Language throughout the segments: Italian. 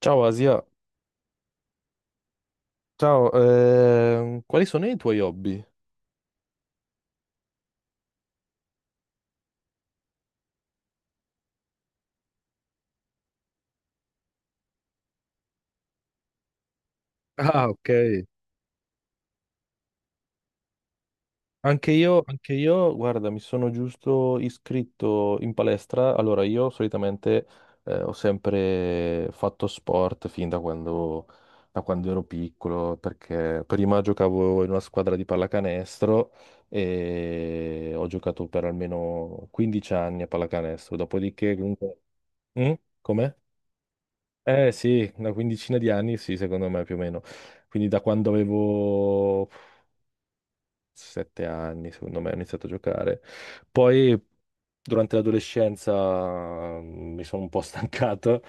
Ciao Asia, ciao, quali sono i tuoi hobby? Ah, ok. Anche io, guarda, mi sono giusto iscritto in palestra. Allora, io solitamente ho sempre fatto sport fin da quando ero piccolo, perché prima giocavo in una squadra di pallacanestro e ho giocato per almeno 15 anni a pallacanestro. Dopodiché, comunque... Mm? Com'è? Eh sì, una quindicina di anni, sì, secondo me più o meno. Quindi da quando avevo sette anni, secondo me, ho iniziato a giocare. Poi durante l'adolescenza mi sono un po' stancato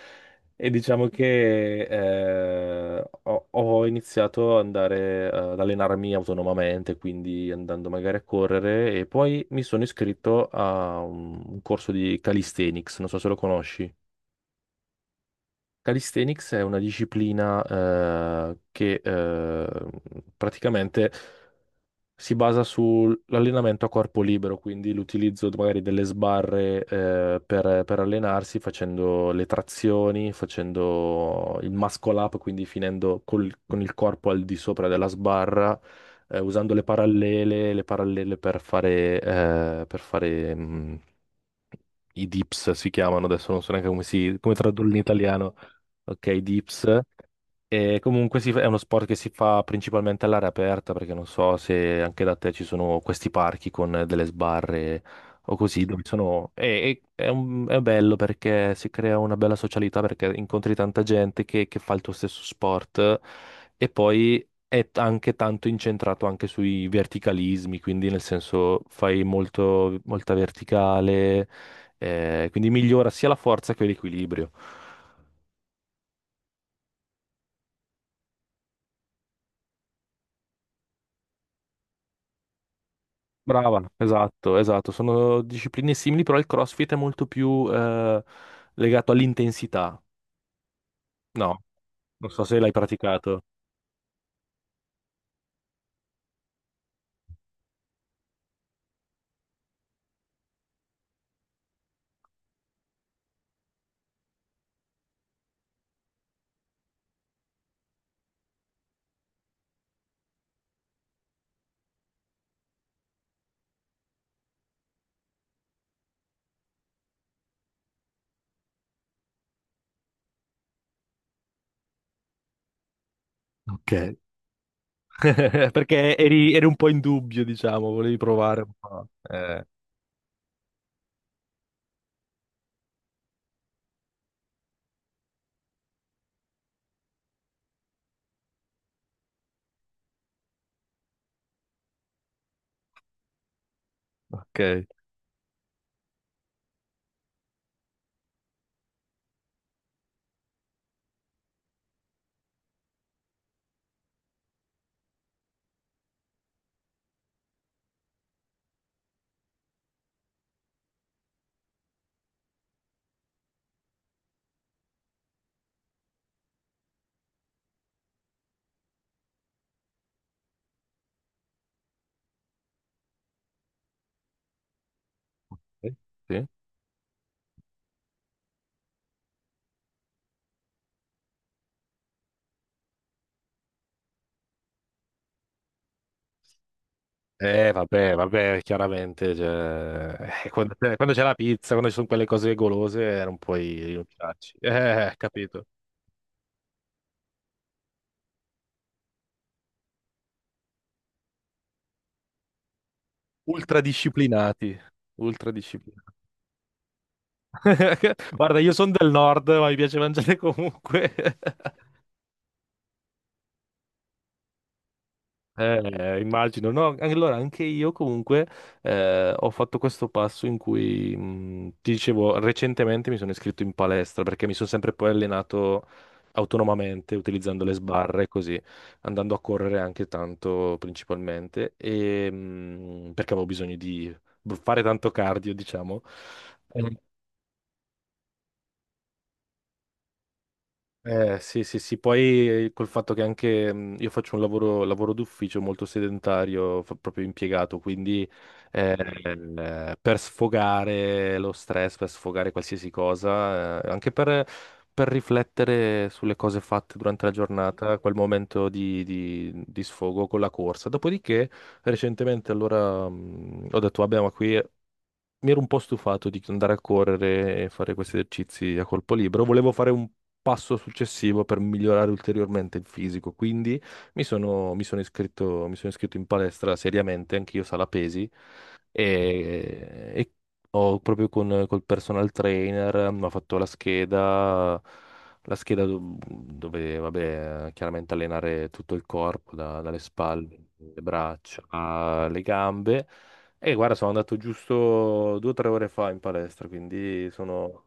e diciamo che ho iniziato ad andare ad allenarmi autonomamente, quindi andando magari a correre e poi mi sono iscritto a un corso di calisthenics, non so se lo conosci. Calisthenics è una disciplina che praticamente si basa sull'allenamento a corpo libero, quindi l'utilizzo magari delle sbarre per allenarsi, facendo le trazioni, facendo il muscle up, quindi finendo con il corpo al di sopra della sbarra, usando le parallele per fare, per fare i dips si chiamano adesso, non so neanche come si, come tradurli in italiano. Ok, i dips. E comunque è uno sport che si fa principalmente all'aria aperta, perché non so se anche da te ci sono questi parchi con delle sbarre o così, dove sono... è bello perché si crea una bella socialità, perché incontri tanta gente che fa il tuo stesso sport e poi è anche tanto incentrato anche sui verticalismi, quindi nel senso fai molto, molta verticale, quindi migliora sia la forza che l'equilibrio. Brava, esatto, esatto, sono discipline simili, però il CrossFit è molto più legato all'intensità. No, non so se l'hai praticato. Ok. Perché eri, eri un po' in dubbio, diciamo, volevi provare un po'. Ok. Ok, sì. Vabbè, vabbè, chiaramente, cioè, quando c'è quando c'è la pizza, quando ci sono quelle cose golose, non puoi rinunciarci. Capito. Ultradisciplinati, ultradisciplinati. Guarda, io sono del nord, ma mi piace mangiare comunque. Immagino, no? Allora, anche io comunque ho fatto questo passo in cui, ti dicevo, recentemente mi sono iscritto in palestra perché mi sono sempre poi allenato autonomamente, utilizzando le sbarre, così, andando a correre anche tanto principalmente, e, perché avevo bisogno di fare tanto cardio, diciamo. Sì, sì, sì, poi col fatto che anche io faccio un lavoro, lavoro d'ufficio molto sedentario, proprio impiegato, quindi eh, per sfogare lo stress, per sfogare qualsiasi cosa, anche per riflettere sulle cose fatte durante la giornata, quel momento di, di sfogo con la corsa. Dopodiché, recentemente, allora ho detto, vabbè, ma qui mi ero un po' stufato di andare a correre e fare questi esercizi a corpo libero, volevo fare un passo successivo per migliorare ulteriormente il fisico, quindi mi sono iscritto in palestra seriamente, anch'io sala pesi, e ho proprio con, col personal trainer, mi ha fatto la scheda dove, vabbè, chiaramente allenare tutto il corpo, dalle spalle, le braccia, alle gambe. E guarda, sono andato giusto due o tre ore fa in palestra, quindi sono...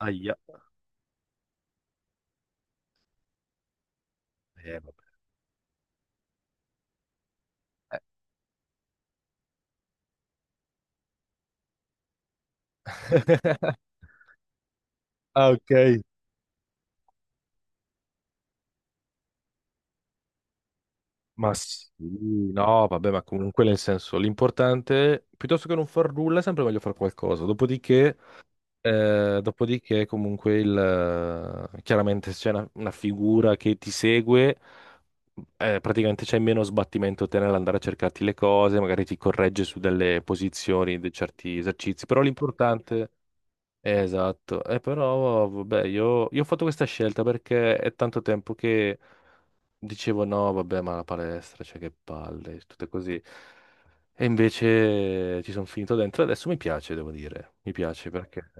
Aia. Vabbè. Ah, ok. Ma sì, no, vabbè, ma comunque nel senso, l'importante, piuttosto che non far nulla, è sempre meglio fare qualcosa. Dopodiché, dopodiché comunque, il, chiaramente se c'è una figura che ti segue, praticamente c'è meno sbattimento te nell'andare a cercarti le cose, magari ti corregge su delle posizioni, di certi esercizi, però l'importante... esatto, e però vabbè, io ho fatto questa scelta perché è tanto tempo che dicevo no, vabbè, ma la palestra, cioè che palle, tutte così. E invece ci sono finito dentro e adesso mi piace, devo dire, mi piace perché...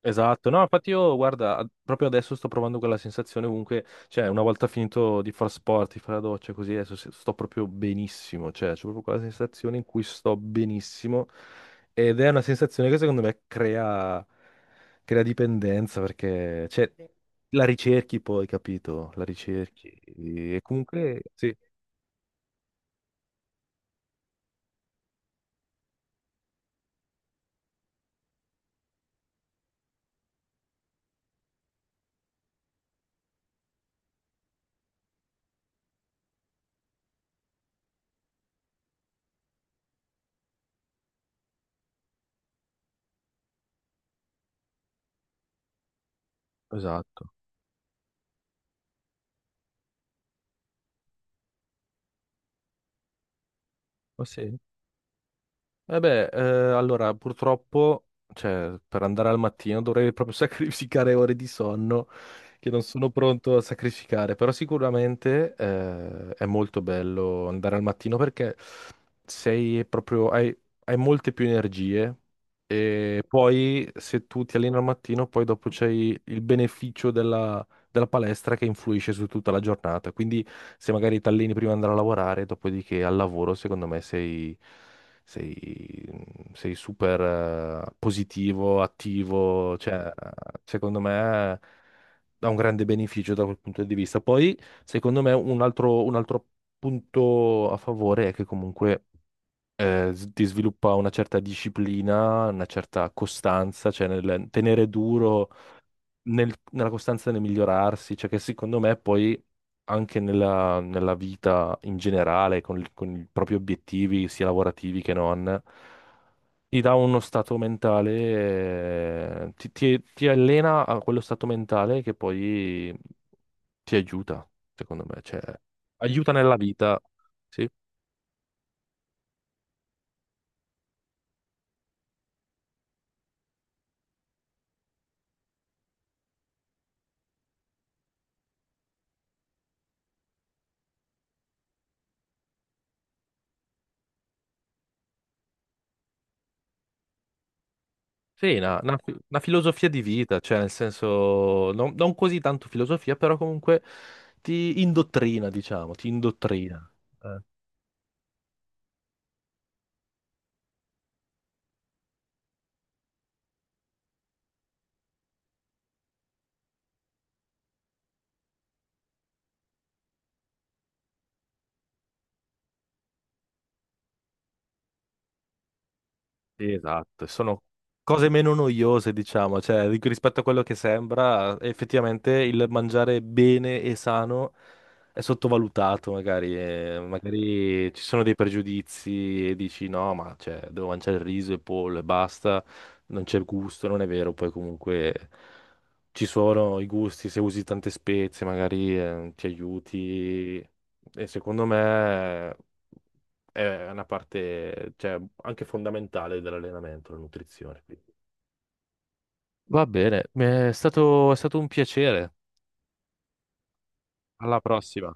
Esatto, no, infatti io guarda, proprio adesso sto provando quella sensazione comunque, cioè una volta finito di far sport, di fare la doccia così, adesso sto proprio benissimo, cioè c'è proprio quella sensazione in cui sto benissimo ed è una sensazione che secondo me crea, crea dipendenza perché cioè, la ricerchi poi, capito? La ricerchi e comunque sì, esatto. Ma sì. Vabbè, allora purtroppo, cioè, per andare al mattino dovrei proprio sacrificare ore di sonno che non sono pronto a sacrificare, però sicuramente è molto bello andare al mattino perché sei proprio, hai, hai molte più energie e poi se tu ti alleni al mattino, poi dopo c'hai il beneficio della, della palestra che influisce su tutta la giornata, quindi se magari ti alleni prima di andare a lavorare, dopodiché al lavoro, secondo me sei, sei super positivo, attivo, cioè, secondo me dà un grande beneficio da quel punto di vista. Poi, secondo me, un altro punto a favore è che comunque ti sviluppa una certa disciplina, una certa costanza, cioè nel tenere duro, nella costanza nel migliorarsi, cioè che secondo me poi anche nella, nella vita in generale, con, con i propri obiettivi, sia lavorativi che non ti dà uno stato mentale, ti allena a quello stato mentale che poi ti aiuta, secondo me, cioè, aiuta nella vita, sì. Sì, una filosofia di vita, cioè nel senso, non, non così tanto filosofia, però comunque ti indottrina, diciamo, ti indottrina. Eh. Sì, esatto, sono cose meno noiose, diciamo, cioè rispetto a quello che sembra, effettivamente il mangiare bene e sano è sottovalutato, magari, magari ci sono dei pregiudizi e dici no, ma cioè, devo mangiare il riso e pollo e basta, non c'è gusto, non è vero, poi comunque ci sono i gusti, se usi tante spezie magari ti aiuti e secondo me è una parte, cioè, anche fondamentale dell'allenamento, la nutrizione. Quindi. Va bene, mi è stato un piacere. Alla prossima.